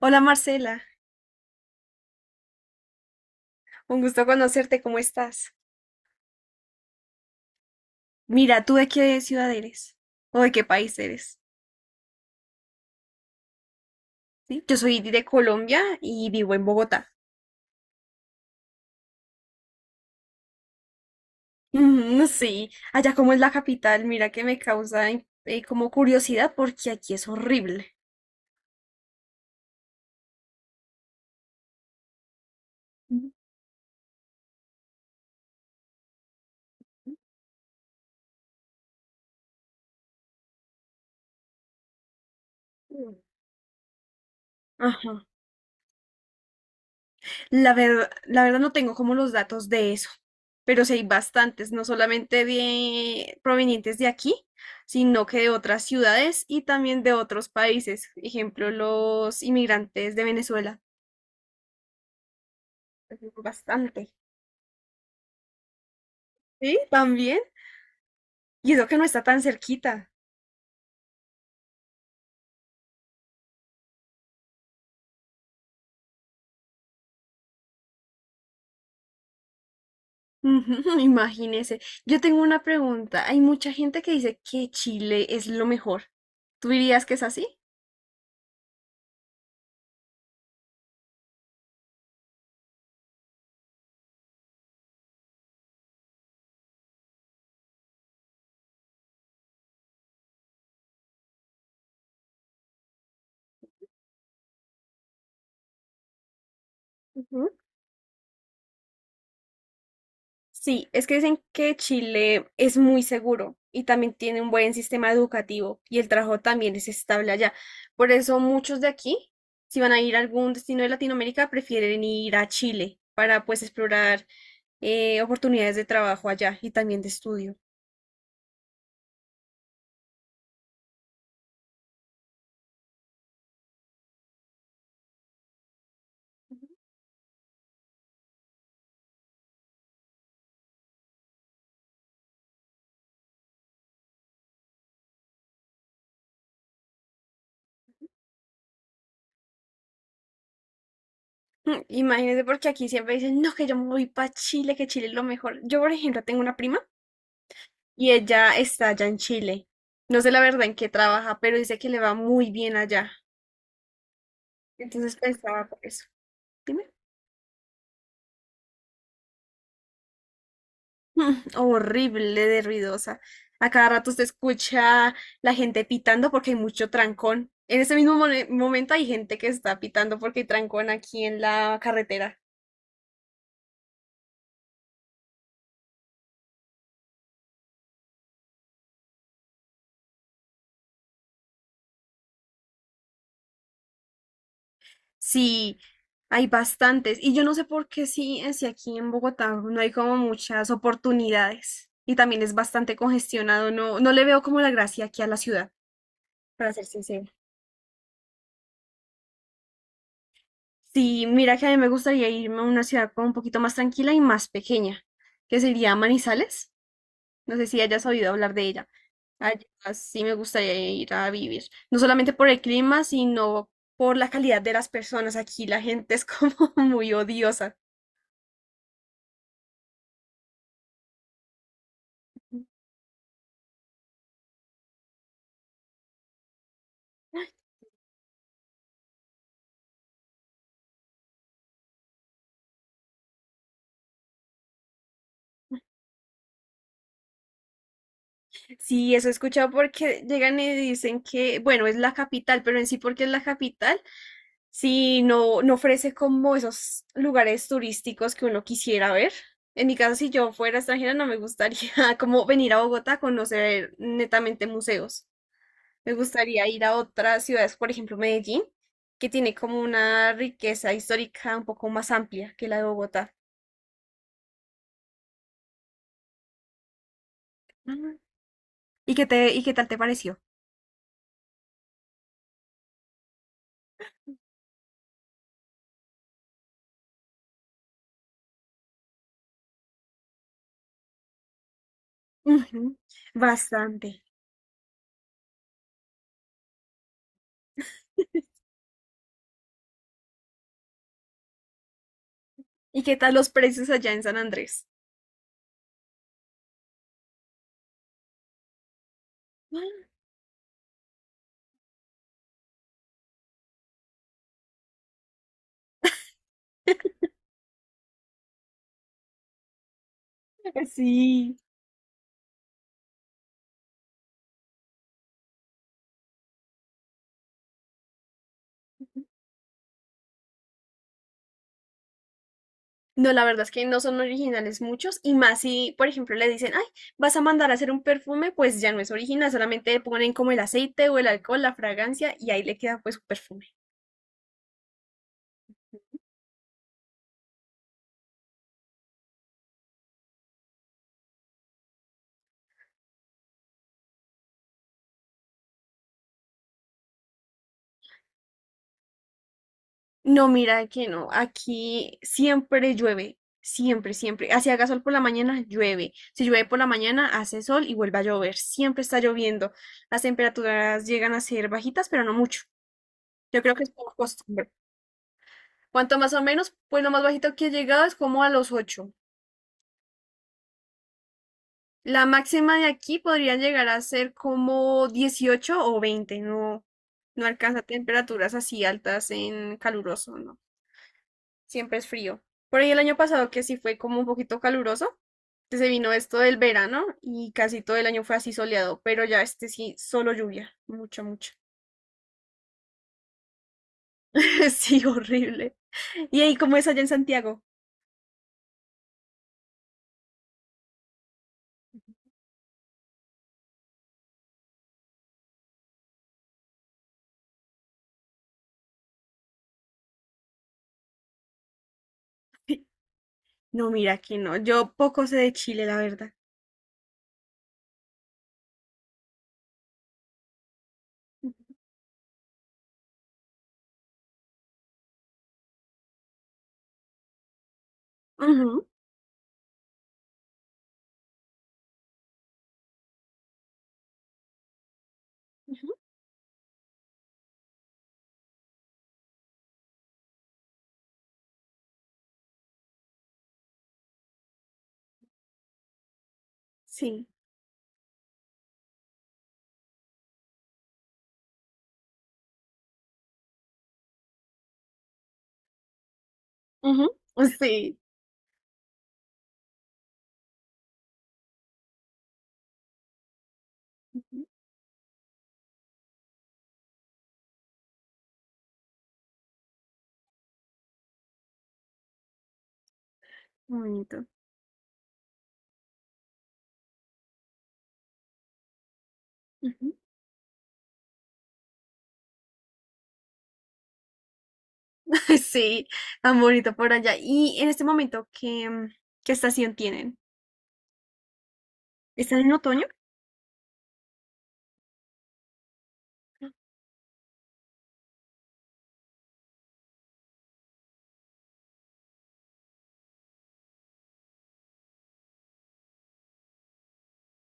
Hola Marcela, un gusto conocerte, ¿cómo estás? Mira, ¿tú de qué ciudad eres? ¿O de qué país eres? ¿Sí? Yo soy de Colombia y vivo en Bogotá. Mm, sí, allá como es la capital, mira que me causa como curiosidad porque aquí es horrible. Ajá. La verdad no tengo como los datos de eso, pero sí hay bastantes, no solamente de provenientes de aquí, sino que de otras ciudades y también de otros países. Ejemplo, los inmigrantes de Venezuela. Bastante. Sí, también. Y eso que no está tan cerquita. Ujú, imagínese. Yo tengo una pregunta. Hay mucha gente que dice que Chile es lo mejor. ¿Tú dirías que es así? Sí, es que dicen que Chile es muy seguro y también tiene un buen sistema educativo y el trabajo también es estable allá. Por eso muchos de aquí, si van a ir a algún destino de Latinoamérica, prefieren ir a Chile para pues explorar oportunidades de trabajo allá y también de estudio. Mm, imagínense porque aquí siempre dicen, no, que yo me voy para Chile, que Chile es lo mejor. Yo, por ejemplo, tengo una prima y ella está allá en Chile. No sé la verdad en qué trabaja, pero dice que le va muy bien allá. Entonces pensaba por eso. Dime. Mm, horrible de ruidosa. A cada rato se escucha la gente pitando porque hay mucho trancón. En ese mismo momento hay gente que está pitando porque hay trancón aquí en la carretera. Sí, hay bastantes. Y yo no sé por qué sí, si aquí en Bogotá no hay como muchas oportunidades. Y también es bastante congestionado. No, no le veo como la gracia aquí a la ciudad, para ser sincera. Sí, mira que a mí me gustaría irme a una ciudad como un poquito más tranquila y más pequeña, que sería Manizales. No sé si hayas oído hablar de ella. Allá sí me gustaría ir a vivir. No solamente por el clima, sino por la calidad de las personas. Aquí la gente es como muy odiosa. Sí, eso he escuchado porque llegan y dicen que, bueno, es la capital, pero en sí porque es la capital, sí no, no ofrece como esos lugares turísticos que uno quisiera ver. En mi caso, si yo fuera extranjera, no me gustaría como venir a Bogotá a conocer netamente museos. Me gustaría ir a otras ciudades, por ejemplo, Medellín, que tiene como una riqueza histórica un poco más amplia que la de Bogotá. Mm. ¿Y qué te, y qué tal te pareció? Ujú, bastante. ¿Y qué tal los precios allá en San Andrés? Sí. No, la verdad es que no son originales muchos, y más si, por ejemplo, le dicen, ay, vas a mandar a hacer un perfume, pues ya no es original, solamente le ponen como el aceite o el alcohol, la fragancia, y ahí le queda pues su perfume. No, mira que no. Aquí siempre llueve. Siempre, siempre. Así haga sol por la mañana, llueve. Si llueve por la mañana, hace sol y vuelve a llover. Siempre está lloviendo. Las temperaturas llegan a ser bajitas, pero no mucho. Yo creo que es por costumbre. Cuanto más o menos, pues lo más bajito que he llegado es como a los 8. La máxima de aquí podría llegar a ser como 18 o 20. No, no alcanza temperaturas así altas en caluroso, ¿no? Siempre es frío. Por ahí el año pasado que sí fue como un poquito caluroso, que se vino esto del verano y casi todo el año fue así soleado, pero ya este sí, solo lluvia, mucha, mucha. Sí, horrible. ¿Y ahí cómo es allá en Santiago? No, mira, aquí no. Yo poco sé de Chile, la verdad. Ujú, ujú, sí, ujú. Sí, ujú, bonito. Ujú. Sí, tan bonito por allá. ¿Y en este momento qué, qué estación tienen? ¿Están en otoño?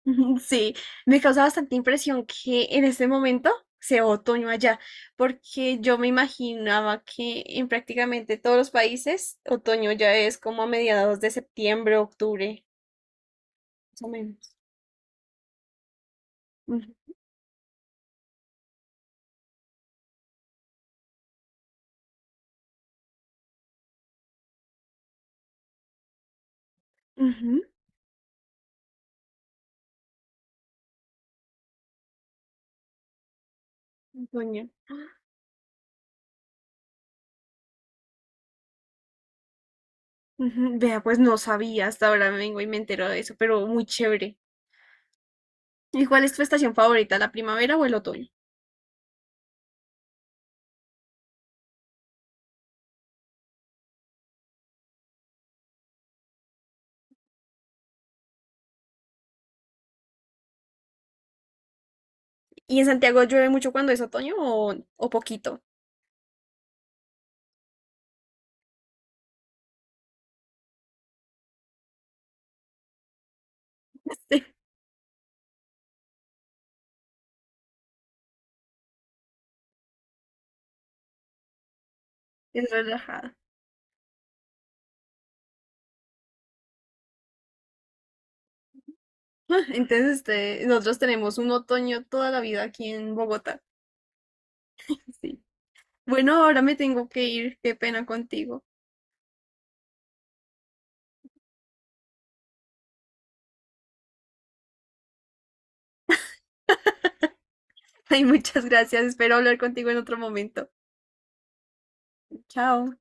Sí, me causa bastante impresión que en este momento sea otoño allá, porque yo me imaginaba que en prácticamente todos los países otoño ya es como a mediados de septiembre, octubre, más o menos. Ujú, ujú, otoño. Ujú, vea, pues no sabía, hasta ahora vengo y me entero de eso, pero muy chévere. ¿Y cuál es tu estación favorita, la primavera o el otoño? ¿Y en Santiago llueve mucho cuando es otoño o poquito? Es relajado. Entonces, este, nosotros tenemos un otoño toda la vida aquí en Bogotá. Sí. Bueno, ahora me tengo que ir. Qué pena contigo. Ay, muchas gracias. Espero hablar contigo en otro momento. Chao.